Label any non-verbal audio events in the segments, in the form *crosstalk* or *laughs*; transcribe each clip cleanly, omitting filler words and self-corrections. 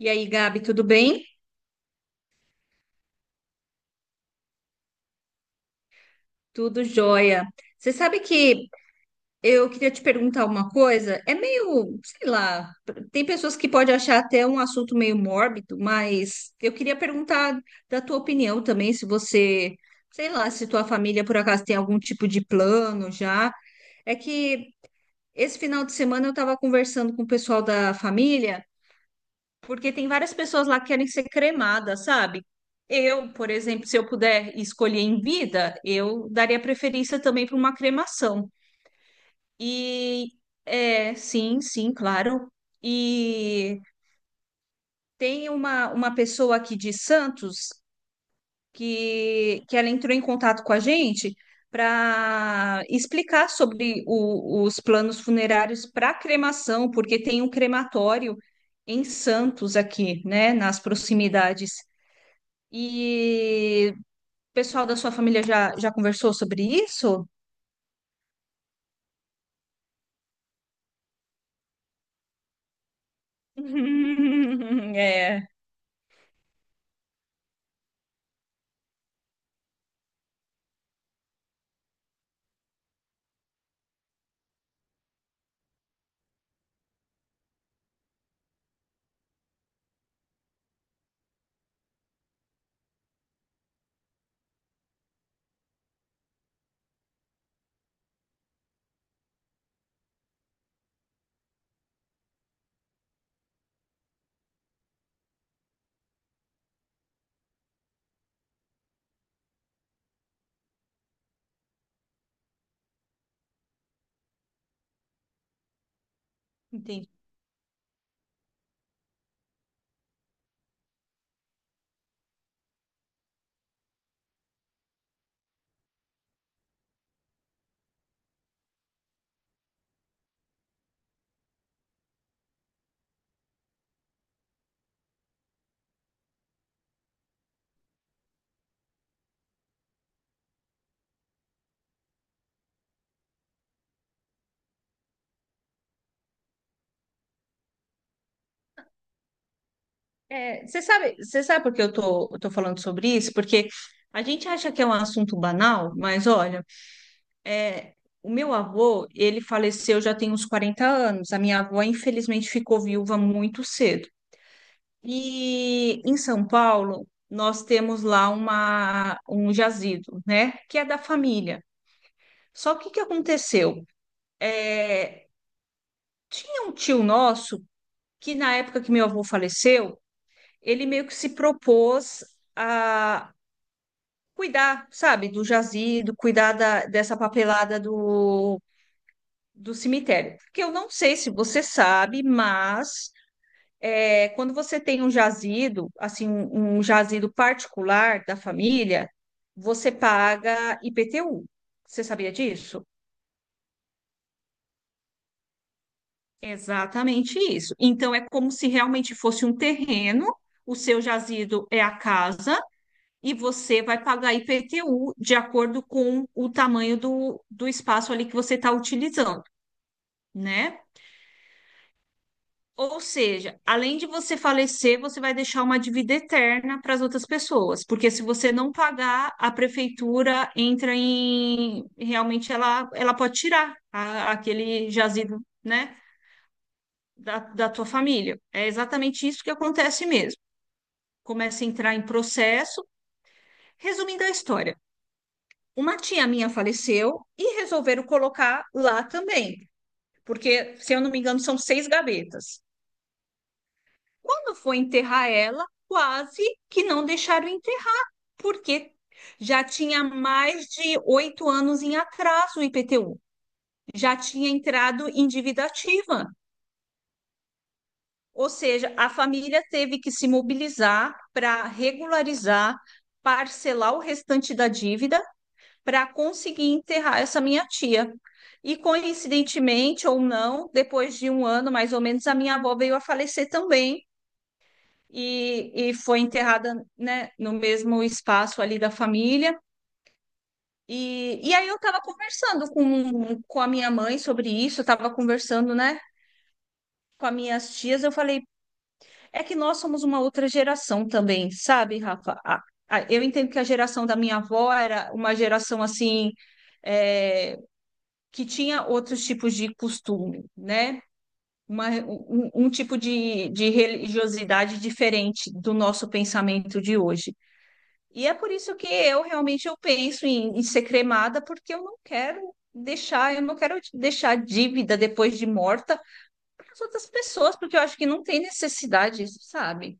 E aí, Gabi, tudo bem? Tudo jóia. Você sabe que eu queria te perguntar uma coisa? É meio, sei lá, tem pessoas que podem achar até um assunto meio mórbido, mas eu queria perguntar da tua opinião também, se você, sei lá, se tua família por acaso tem algum tipo de plano já. É que esse final de semana eu estava conversando com o pessoal da família. Porque tem várias pessoas lá que querem ser cremadas, sabe? Eu, por exemplo, se eu puder escolher em vida, eu daria preferência também para uma cremação. E é, sim, sim, claro. E tem uma pessoa aqui de Santos que ela entrou em contato com a gente para explicar sobre os planos funerários para cremação, porque tem um crematório em Santos aqui, né, nas proximidades. E o pessoal da sua família já conversou sobre isso? *laughs* É, entendi. É, você sabe por que eu tô falando sobre isso? Porque a gente acha que é um assunto banal, mas olha, é, o meu avô, ele faleceu já tem uns 40 anos. A minha avó, infelizmente, ficou viúva muito cedo. E em São Paulo, nós temos lá um jazido, né? Que é da família. Só que o que aconteceu? É, Tinha um tio nosso que, na época que meu avô faleceu, ele meio que se propôs a cuidar, sabe, do jazido, cuidar dessa papelada do cemitério. Porque eu não sei se você sabe, mas quando você tem um jazido, assim, um jazido particular da família, você paga IPTU. Você sabia disso? Exatamente isso. Então, é como se realmente fosse um terreno, o seu jazido é a casa, e você vai pagar IPTU de acordo com o tamanho do espaço ali que você está utilizando, né? Ou seja, além de você falecer, você vai deixar uma dívida eterna para as outras pessoas, porque se você não pagar, a prefeitura entra em. Realmente, ela pode tirar aquele jazido, né? Da tua família. É exatamente isso que acontece mesmo. Começa a entrar em processo. Resumindo a história, uma tia minha faleceu e resolveram colocar lá também, porque, se eu não me engano, são seis gavetas. Quando foi enterrar ela, quase que não deixaram enterrar, porque já tinha mais de 8 anos em atraso o IPTU, já tinha entrado em dívida ativa. Ou seja, a família teve que se mobilizar para regularizar, parcelar o restante da dívida para conseguir enterrar essa minha tia. E coincidentemente ou não, depois de um ano mais ou menos, a minha avó veio a falecer também e foi enterrada, né, no mesmo espaço ali da família. E aí eu estava conversando com a minha mãe sobre isso, estava conversando, né, com as minhas tias, eu falei. É que nós somos uma outra geração também, sabe, Rafa? Eu entendo que a geração da minha avó era uma geração assim, é, que tinha outros tipos de costume, né? Um tipo de religiosidade diferente do nosso pensamento de hoje. E é por isso que eu realmente eu penso em ser cremada, porque eu não quero deixar dívida depois de morta para as outras pessoas, porque eu acho que não tem necessidade, sabe?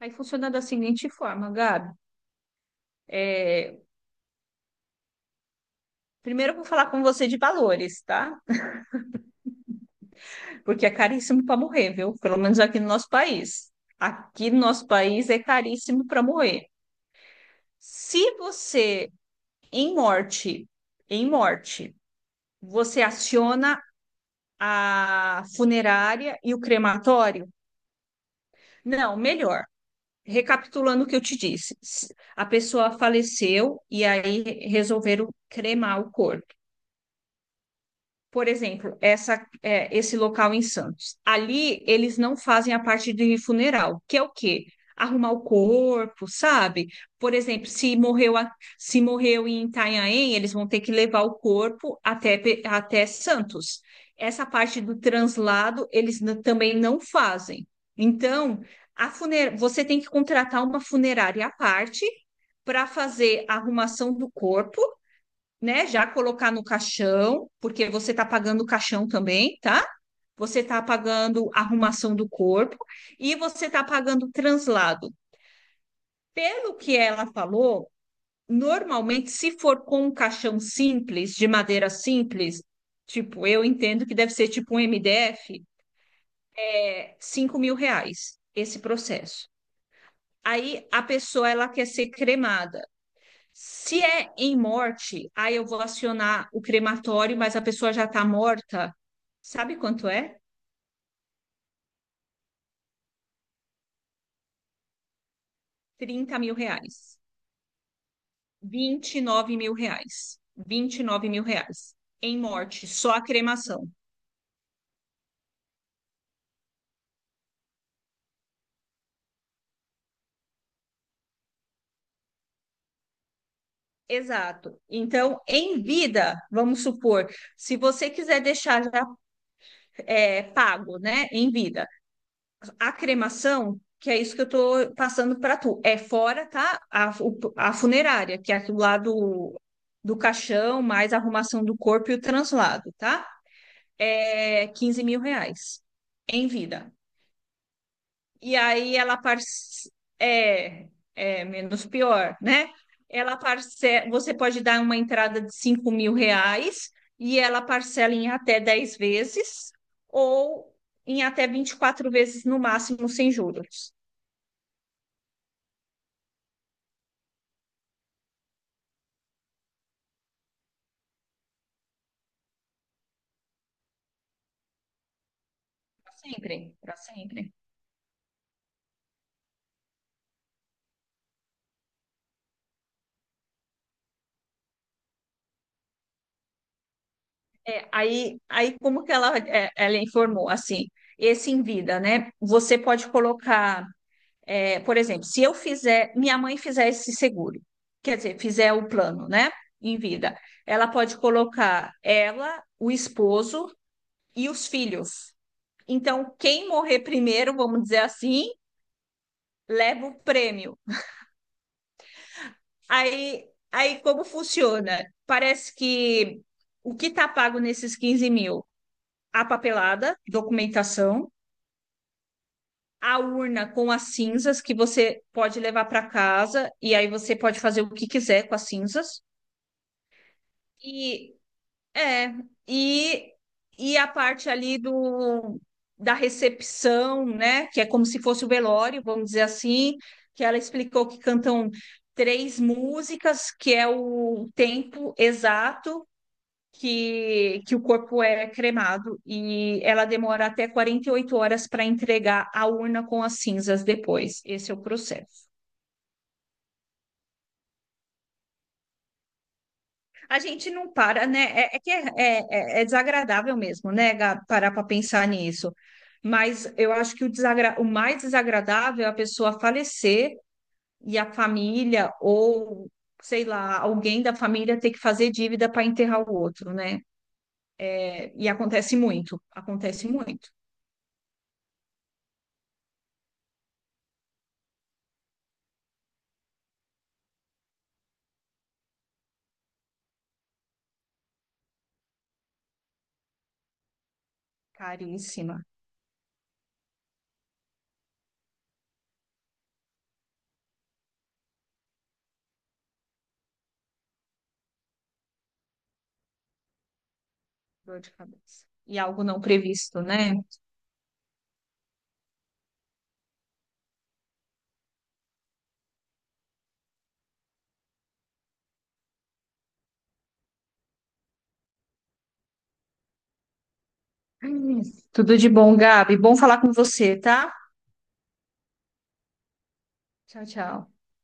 Aí funciona da seguinte forma, Gabi. É, Primeiro eu vou falar com você de valores, tá? Porque é caríssimo para morrer, viu? Pelo menos aqui no nosso país. Aqui no nosso país é caríssimo para morrer. Se você, em morte, em morte, você aciona a funerária e o crematório, não, melhor. Recapitulando o que eu te disse, a pessoa faleceu e aí resolveram cremar o corpo. Por exemplo, esse local em Santos. Ali eles não fazem a parte de funeral, que é o quê? Arrumar o corpo, sabe? Por exemplo, se morreu, se morreu em Itanhaém, eles vão ter que levar o corpo até Santos. Essa parte do translado eles também não fazem. Então, a funer você tem que contratar uma funerária à parte para fazer a arrumação do corpo né, já colocar no caixão, porque você está pagando o caixão também, tá? Você está pagando a arrumação do corpo e você está pagando o translado. Pelo que ela falou, normalmente, se for com um caixão simples, de madeira simples, tipo, eu entendo que deve ser tipo um MDF, é R$ 5.000 esse processo. Aí a pessoa ela quer ser cremada. Se é em morte, aí eu vou acionar o crematório, mas a pessoa já está morta. Sabe quanto é? R$ 30.000. R$ 29.000. R$ 29.000. Em morte, só a cremação. Exato. Então, em vida, vamos supor, se você quiser deixar já pago, né, em vida, a cremação, que é isso que eu estou passando para tu, é fora, tá? A funerária, que é aquilo lá do caixão, mais a arrumação do corpo e o translado, tá? É R$ 15.000 em vida. e aí ela par- é, é menos pior, né? Você pode dar uma entrada de R$ 5.000 e ela parcela em até 10 vezes ou em até 24 vezes no máximo sem juros. Pra sempre, para sempre. Aí como que ela informou assim, esse em vida, né? Você pode colocar. Por exemplo, se eu fizer, minha mãe fizer esse seguro, quer dizer, fizer o plano, né, em vida, ela pode colocar ela, o esposo e os filhos. Então, quem morrer primeiro, vamos dizer assim, leva o prêmio. Aí como funciona? Parece que o que está pago nesses 15 mil? A papelada, documentação, a urna com as cinzas que você pode levar para casa e aí você pode fazer o que quiser com as cinzas. E é, e, e a parte ali do da recepção, né? Que é como se fosse o velório, vamos dizer assim, que ela explicou que cantam três músicas, que é o tempo exato que o corpo é cremado, e ela demora até 48 horas para entregar a urna com as cinzas depois. Esse é o processo. A gente não para, né? É que é desagradável mesmo, né, Gab, parar para pensar nisso. Mas eu acho que o mais desagradável é a pessoa falecer e a família, ou sei lá, alguém da família ter que fazer dívida para enterrar o outro, né? E acontece muito, acontece muito. Caríssima, dor de cabeça. E algo não previsto, né? Ai, tudo de bom, Gabi. Bom falar com você, tá? Tchau, tchau.